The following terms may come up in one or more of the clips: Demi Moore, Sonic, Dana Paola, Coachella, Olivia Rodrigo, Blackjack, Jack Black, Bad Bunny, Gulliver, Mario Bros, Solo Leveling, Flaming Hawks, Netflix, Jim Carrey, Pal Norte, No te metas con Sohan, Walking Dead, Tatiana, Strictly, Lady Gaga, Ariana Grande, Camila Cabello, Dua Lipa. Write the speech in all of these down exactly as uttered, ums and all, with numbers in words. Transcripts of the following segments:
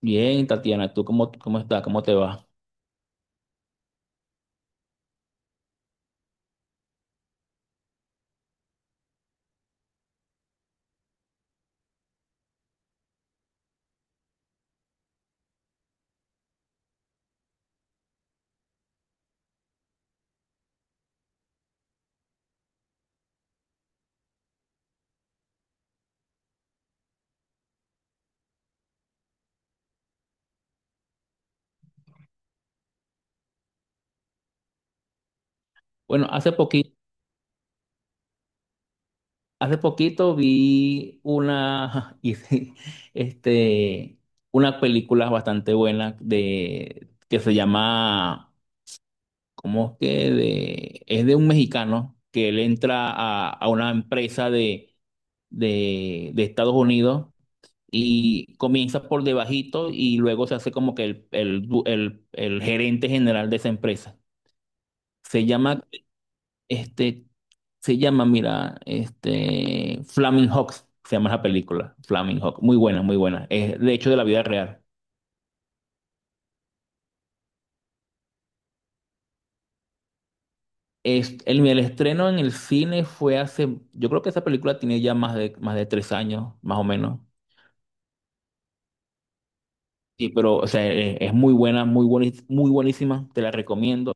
Bien, Tatiana, ¿tú cómo, cómo estás? ¿Cómo te va? Bueno, hace poquito, hace poquito vi una, y sí, este, una película bastante buena de, que se llama, ¿cómo es que? De, es de un mexicano que él entra a, a una empresa de, de, de Estados Unidos y comienza por debajito y luego se hace como que el, el, du- el el gerente general de esa empresa. Se llama. Este, se llama, mira, este Flaming Hawks, se llama la película, Flaming Hawk, muy buena, muy buena. Es de hecho de la vida real. Es, el, el estreno en el cine fue hace, yo creo que esa película tiene ya más de, más de tres años, más o menos. Sí, pero o sea, eh, es, muy buena, muy buenis- muy buenísima, te la recomiendo.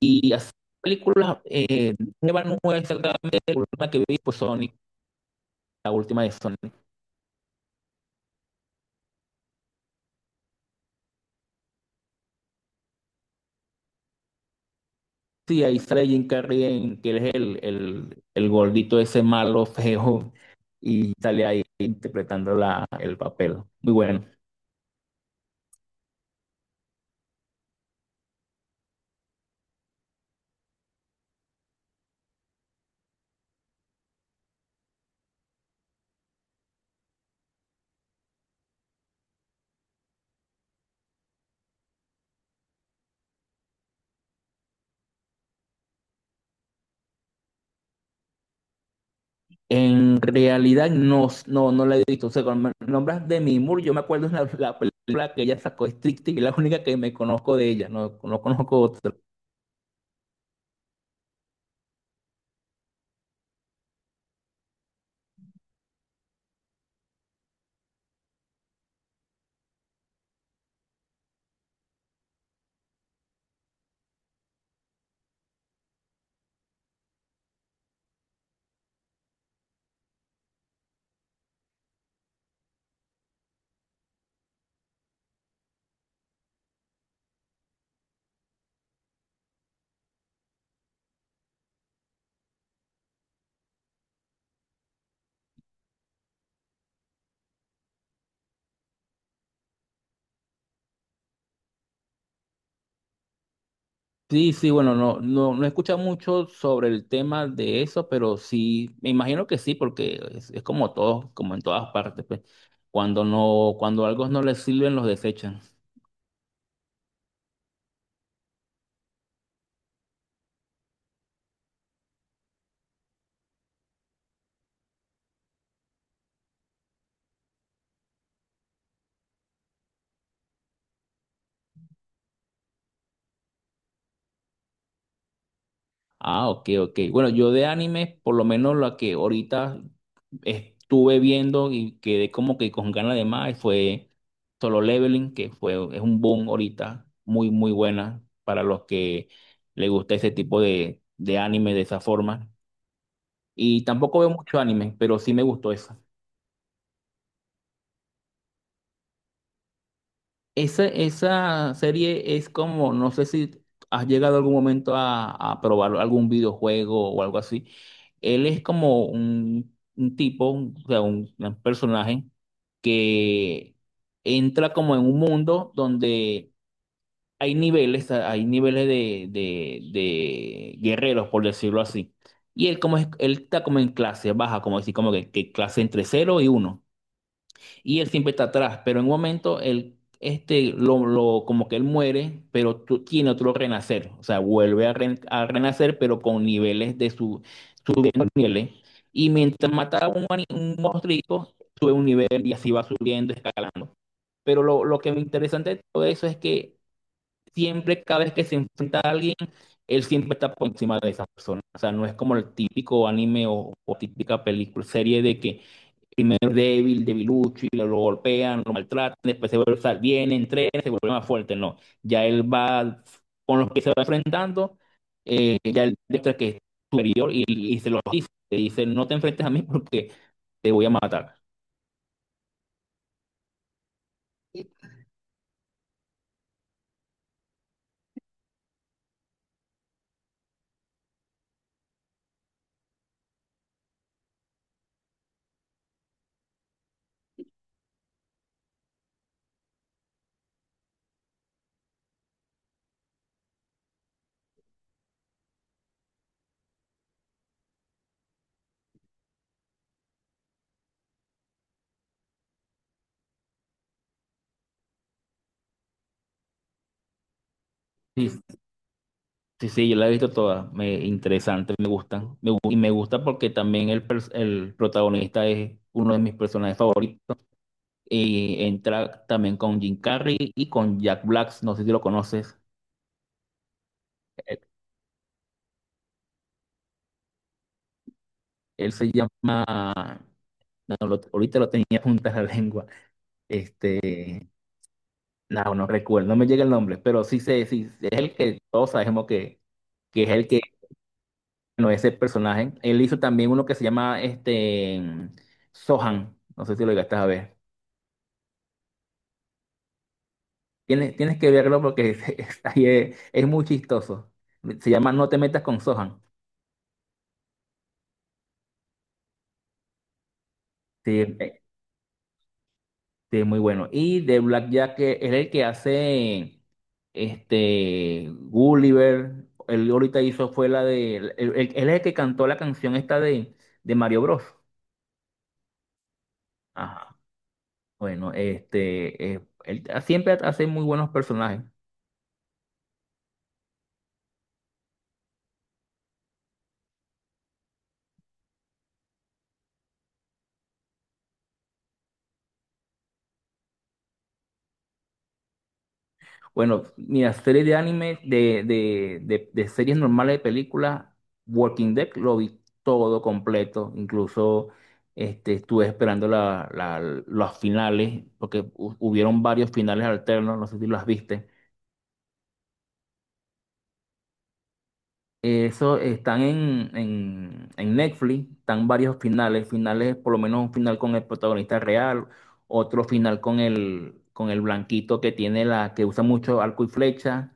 Y así, películas, eh, nueva, no exactamente la última que vi, pues Sonic, la última de Sonic. Sí, ahí sale Jim Carrey, en- que él es el, el, el gordito ese malo, feo, y sale ahí interpretando la, el papel. Muy bueno. En realidad no, no, no la he visto. O sea, cuando me nombras de Demi Moore, yo me acuerdo de la, la película que ella sacó, Strictly, que es la única que me conozco de ella, no, no conozco otra. Sí, sí, bueno, no, no, no he escuchado mucho sobre el tema de eso, pero sí, me imagino que sí, porque es, es como todo, como en todas partes, pues. Cuando no, cuando algo no les sirven, los desechan. Ah, ok, ok. Bueno, yo de anime, por lo menos la que ahorita estuve viendo y quedé como que con ganas de más, fue Solo Leveling, que fue, es un boom ahorita, muy, muy buena para los que les gusta ese tipo de, de anime de esa forma. Y tampoco veo mucho anime, pero sí me gustó esa. Esa, esa serie es como, no sé si has llegado algún momento a, a probar algún videojuego o algo así. Él es como un, un tipo, o sea, un, un personaje que entra como en un mundo donde hay niveles, hay niveles de, de, de guerreros, por decirlo así. Y él como es, él está como en clase baja, como decir, como que, que clase entre cero y uno y él siempre está atrás, pero en un momento él, este, lo, lo- como que él muere, pero tú, tiene otro renacer, o sea, vuelve a, ren- a renacer, pero con niveles de su, subiendo niveles, y mientras mataba a un, ani- un monstruito, sube un nivel y así va subiendo, escalando. Pero lo, lo que me interesante de todo eso es que siempre, cada vez que se enfrenta a alguien, él siempre está por encima de esa persona. O sea, no es como el típico anime o, o típica película, serie de que primero es débil, debilucho, y lo, golpean, lo maltratan, después se vuelve, o sea, viene, entrena, se vuelve más fuerte, no. Ya él va con los que se va enfrentando, eh, ya él demuestra que es superior y, y se lo dice, te dice, no te enfrentes a mí porque te voy a matar. Sí, sí, sí, yo la he visto todas, me, interesante, me gustan, me, gu- y me gusta porque también el, pers- el protagonista es uno de mis personajes favoritos, y entra también con Jim Carrey y con Jack Black, no sé si lo conoces. eh, Él se llama, no, no, lo- ahorita lo tenía junto a la lengua. Este, no, no recuerdo, no me llega el nombre, pero sí sé, sí, es el que todos sabemos que, que es el que, no es el personaje. Él hizo también uno que se llama este Sohan, no sé si lo llegaste a ver. Tienes, tienes que verlo porque es, es- ahí es- es muy chistoso. Se llama No te metas con Sohan. Sí, sí, muy bueno. Y de Blackjack que es el que hace este Gulliver. Él ahorita hizo fue la de. Él, él- él es el que cantó la canción esta de, de Mario Bros. Ajá. Bueno, este eh, él siempre hace muy buenos personajes. Bueno, mira, series de anime, de, de, de, de series normales de películas, Walking Dead lo vi todo completo, incluso este, estuve esperando la, la- los finales, porque hu- hubieron varios finales alternos, no sé si los viste. Eso están en, en, en Netflix, están varios finales, finales, por lo menos un final con el protagonista real, otro final con el, con el blanquito que tiene la, que usa mucho arco y flecha.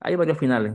Hay varios finales.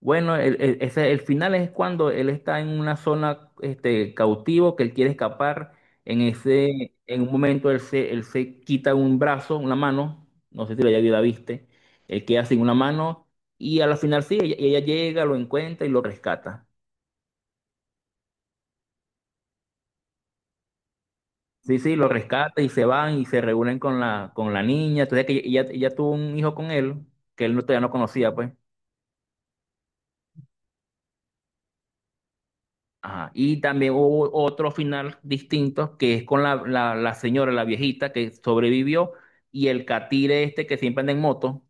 Bueno, el, el- ese- el final es cuando él está en una zona este, cautivo, que él quiere escapar. En ese, en un momento él se, él se quita un brazo, una mano, no sé si la, ya la viste, él queda sin una mano y a la final sí, ella, ella llega, lo encuentra y lo rescata. Sí, sí, lo rescata y se van y se reúnen con la, con la niña. Entonces que ella, ella tuvo un hijo con él, que él no, todavía no conocía, pues. Ajá. Y también hubo otro final distinto que es con la, la, la señora, la viejita que sobrevivió y el catire este que siempre anda en moto.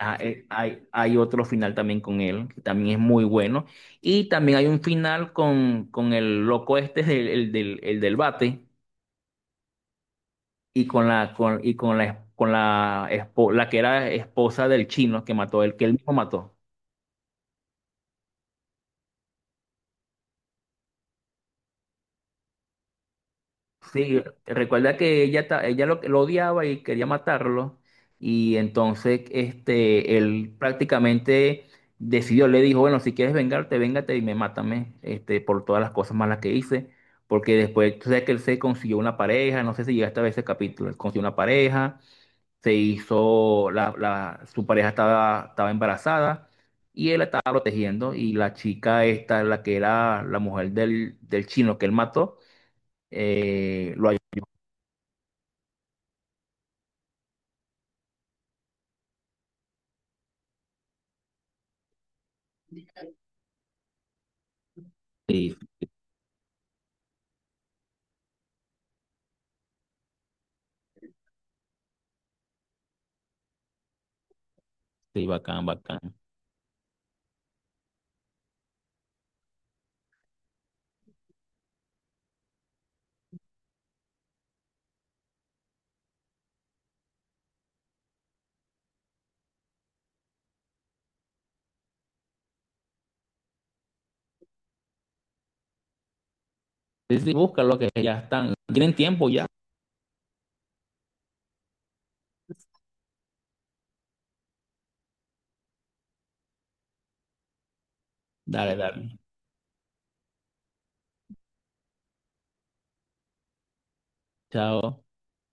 Ah, eh, sí. hay, hay otro final también con él, que también es muy bueno. Y también hay un final con, con el loco este, del- el, del, el del bate, y con la, con, y con la, con la, espo- la que era esposa del chino que mató, el que él mismo mató. Sí, recuerda que ella, ta- ella lo, lo odiaba y quería matarlo. Y entonces este, él prácticamente decidió, le dijo, bueno, si quieres vengarte, véngate y me mátame este, por todas las cosas malas que hice. Porque después, tú sabes que él se consiguió una pareja, no sé si llegaste a ver ese capítulo, él consiguió una pareja, se hizo, la, la, su pareja estaba, estaba embarazada y él la estaba protegiendo y la chica esta, la que era la mujer del, del chino que él mató, eh, lo. Sí, sí, bacán, bacán. Sí, sí, búscalo que ya están. ¿Tienen tiempo ya? Dale, dale. Chao.